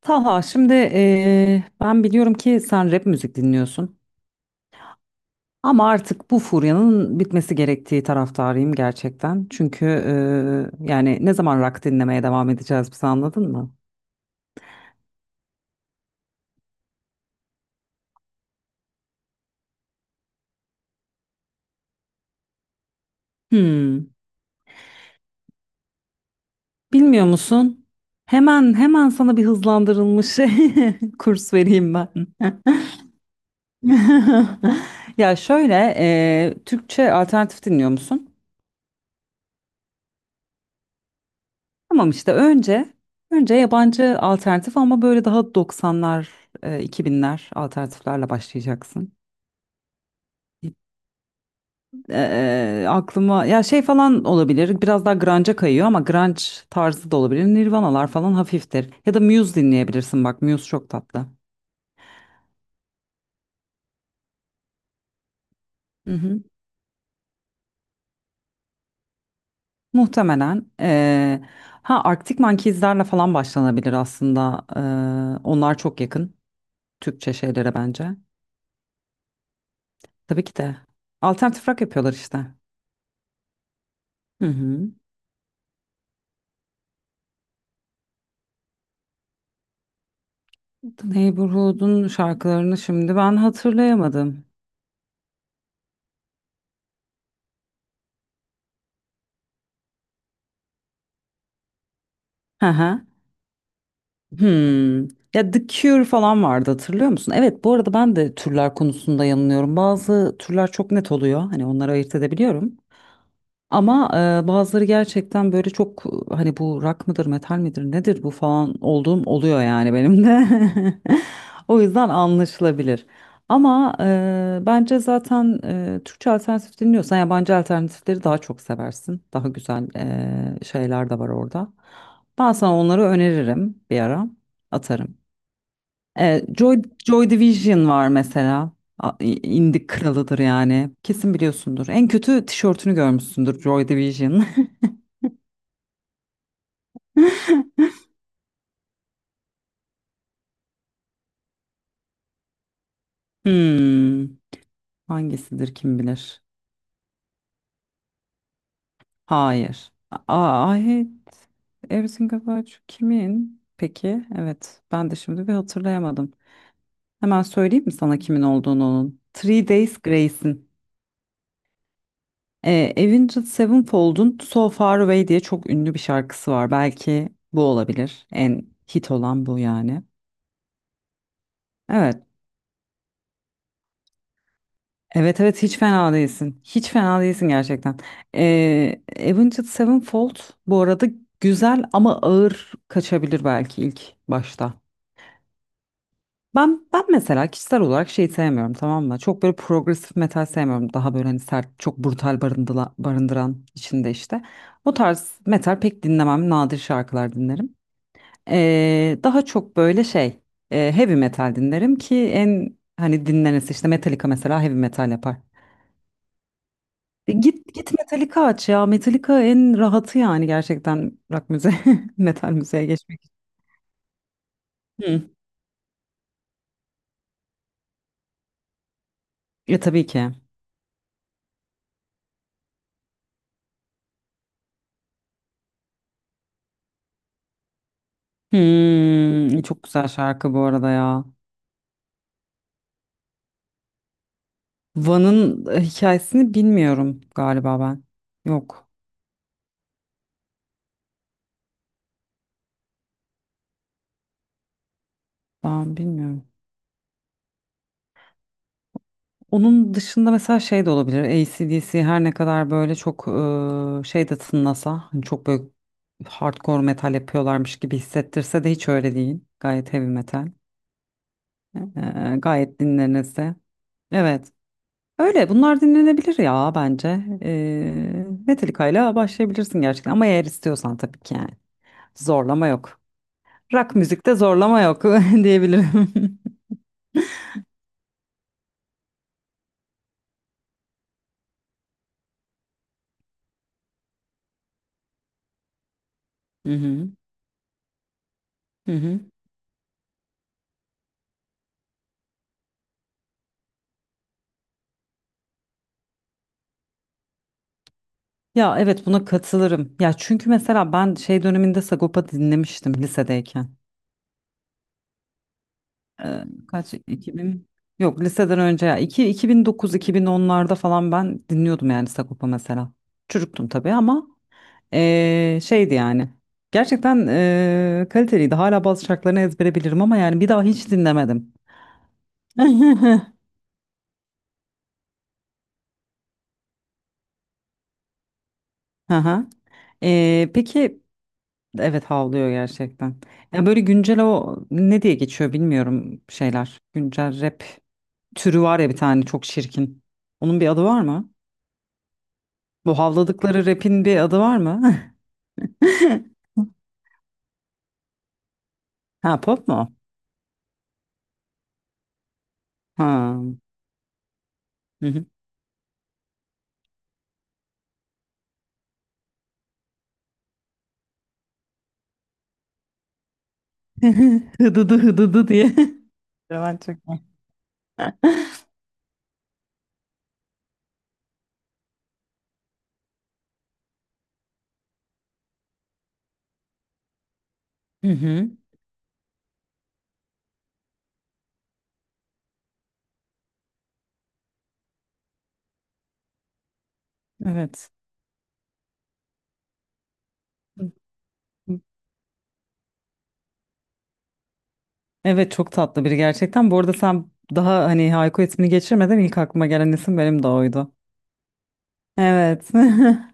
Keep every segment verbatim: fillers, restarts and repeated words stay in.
Taha, şimdi eee, ben biliyorum ki sen rap müzik dinliyorsun. Ama artık bu furyanın bitmesi gerektiği taraftarıyım gerçekten. Çünkü eee, yani ne zaman rock dinlemeye devam edeceğiz biz, anladın mı? Hmm. Bilmiyor musun? Hemen hemen sana bir hızlandırılmış kurs vereyim ben. Ya şöyle eee, Türkçe alternatif dinliyor musun? Tamam işte önce önce yabancı alternatif, ama böyle daha doksanlar, e, iki binler alternatiflerle başlayacaksın. Eee, aklıma ya şey falan olabilir. Biraz daha grunge'a kayıyor ama grunge tarzı da olabilir. Nirvanalar falan hafiftir. Ya da Muse dinleyebilirsin, bak Muse çok tatlı. Hı hı. Muhtemelen eee, ha Arctic Monkeys'lerle falan başlanabilir aslında. Eee, onlar çok yakın Türkçe şeylere bence. Tabii ki de. Alternatif rock yapıyorlar işte. Hı hı. Neighborhood'un şarkılarını şimdi ben hatırlayamadım. Hı hı. Hmm. Ya The Cure falan vardı, hatırlıyor musun? Evet, bu arada ben de türler konusunda yanılıyorum. Bazı türler çok net oluyor, hani onları ayırt edebiliyorum. Ama e, bazıları gerçekten böyle çok e, hani bu rock mıdır, metal midir, nedir bu falan olduğum oluyor yani benim de. O yüzden anlaşılabilir. Ama e, bence zaten e, Türkçe alternatif dinliyorsan yabancı alternatifleri daha çok seversin. Daha güzel e, şeyler de var orada. Ben sana onları öneririm, bir ara atarım. E, Joy, Joy Division var mesela. A- İndik kralıdır yani. Kesin biliyorsundur. En kötü tişörtünü görmüşsündür Joy Division. Hmm, hangisidir kim bilir? Hayır. Aa, I hate everything about you kimin? Peki, evet. Ben de şimdi bir hatırlayamadım. Hemen söyleyeyim mi sana kimin olduğunu onun? Three Days Grace'in. E, Avenged Sevenfold'un So Far Away diye çok ünlü bir şarkısı var. Belki bu olabilir. En hit olan bu yani. Evet. Evet, evet, hiç fena değilsin. Hiç fena değilsin gerçekten. E, Avenged Sevenfold bu arada güzel ama ağır kaçabilir belki ilk başta. Ben ben mesela kişisel olarak şey sevmiyorum, tamam mı? Çok böyle progresif metal sevmiyorum. Daha böyle hani sert, çok brutal barındıla, barındıran içinde işte. O tarz metal pek dinlemem. Nadir şarkılar dinlerim. Ee, daha çok böyle şey e, heavy metal dinlerim ki en hani dinlenesi işte Metallica mesela heavy metal yapar. E, git git Metallica aç ya, Metallica en rahatı yani gerçekten rock müze metal müzeye geçmek. için. Hı. E tabii ki. Hmm, e, çok güzel şarkı bu arada ya. Van'ın e, hikayesini bilmiyorum galiba ben. Yok, ben bilmiyorum. Onun dışında mesela şey de olabilir. A/D C her ne kadar böyle çok eee, şey de tınlasa, hani çok böyle hardcore metal yapıyorlarmış gibi hissettirse de hiç öyle değil. Gayet heavy metal. Eee, gayet dinlenirse. Evet. Öyle bunlar dinlenebilir ya bence. Eee Metallica ile başlayabilirsin gerçekten, ama eğer istiyorsan tabii ki yani. Zorlama yok. Rock müzikte zorlama yok diyebilirim. Hı hı. Hı hı. Ya evet, buna katılırım. Ya çünkü mesela ben şey döneminde Sagopa dinlemiştim lisedeyken. Ee, kaç iki bin yok, liseden önce, ya iki, iki bin dokuz, iki bin onlarda falan ben dinliyordum yani Sagopa mesela. Çocuktum tabii ama ee, şeydi yani. Gerçekten ee, kaliteliydi. Hala bazı şarkılarını ezbere bilirim ama yani bir daha hiç dinlemedim. Hı. Ee, peki Evet, havlıyor gerçekten. Ya böyle güncel o ne diye geçiyor bilmiyorum şeyler. Güncel rap türü var ya bir tane, çok çirkin. Onun bir adı var mı? Bu havladıkları rap'in bir adı var mı? Ha, pop mu? Ha. Hı hı. Hıdıdı hıdıdı diye. Ben çok. Hı hı. Evet. Evet çok tatlı biri gerçekten. Bu arada sen daha hani Hayko ismini geçirmeden ilk aklıma gelen isim benim de oydu. Evet.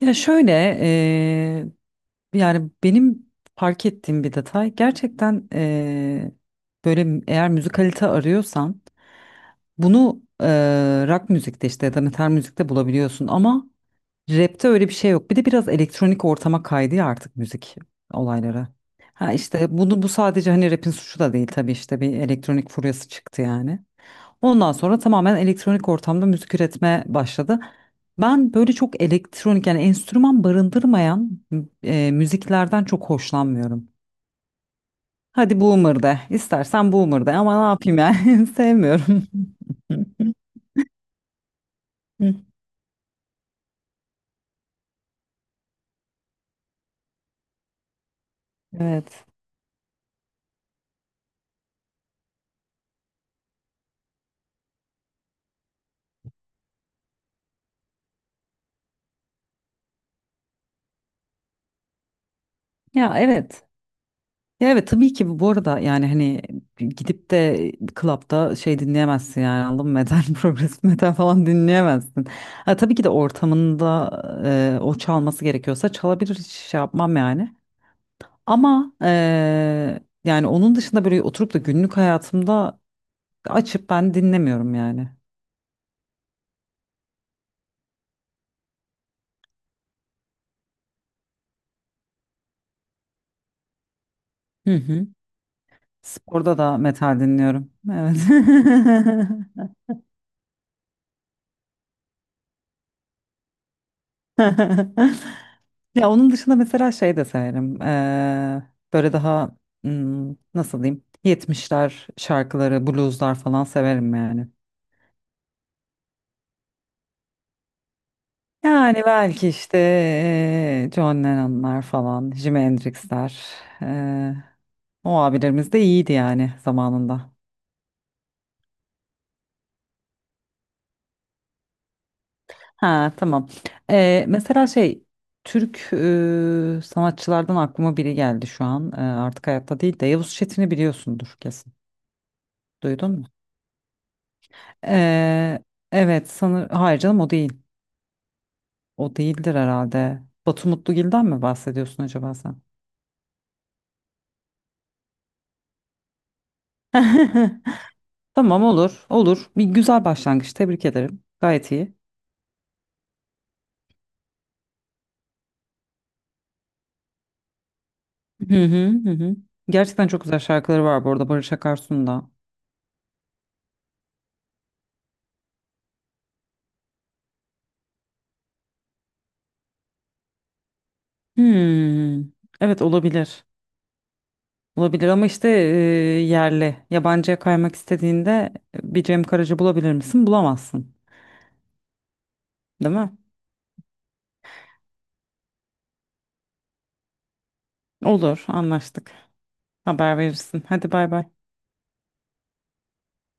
Ya şöyle, eee, yani benim fark ettiğim bir detay gerçekten, eee, böyle m- eğer müzikalite arıyorsan bunu eee rock müzikte, işte ya da metal müzikte bulabiliyorsun ama rapte öyle bir şey yok. Bir de biraz elektronik ortama kaydı ya artık müzik olayları. Ha işte bunu bu sadece hani rapin suçu da değil tabii, işte bir elektronik furyası çıktı yani. Ondan sonra tamamen elektronik ortamda müzik üretmeye başladı. Ben böyle çok elektronik yani enstrüman barındırmayan e, müziklerden çok hoşlanmıyorum. Hadi boomer de, istersen boomer de, ama ne yapayım yani sevmiyorum. Hı. Evet. Ya evet. Ya evet tabii ki, bu bu arada yani hani gidip de klapta şey dinleyemezsin, yani anladın, Metal, progresif metal falan dinleyemezsin. Ha, tabii ki de ortamında e, o çalması gerekiyor. Gerekiyorsa çalabilir, hiç şey yapmam yani. Ama eee, yani onun dışında böyle oturup da günlük hayatımda açıp ben dinlemiyorum yani. Hı hı. Sporda da metal dinliyorum. Evet. Ya onun dışında mesela şey de severim. Eee, böyle daha hmm, nasıl diyeyim? Yetmişler şarkıları, blueslar falan severim yani. Yani belki işte eee, John Lennon'lar falan, Jimi Hendrix'ler. eee, o abilerimiz de iyiydi yani zamanında. Ha tamam. Ee, mesela şey Türk e, sanatçılardan aklıma biri geldi şu an. Ee, artık hayatta değil de Yavuz Çetin'i biliyorsundur kesin. Duydun mu? Ee, evet sanır. Hayır canım, o değil. O değildir herhalde. Batu Mutlugil'den mi bahsediyorsun acaba sen? Tamam, olur. Olur. Bir güzel başlangıç. Tebrik ederim. Gayet iyi. Hı hı hı. hı. Gerçekten çok güzel şarkıları var bu arada Barış Akarsu'nda. Hmm. Evet olabilir. Olabilir ama işte e, yerli, yabancıya kaymak istediğinde bir Cem Karaca bulabilir misin? Bulamazsın, değil mi? Olur, anlaştık. Haber verirsin. Hadi bay bay.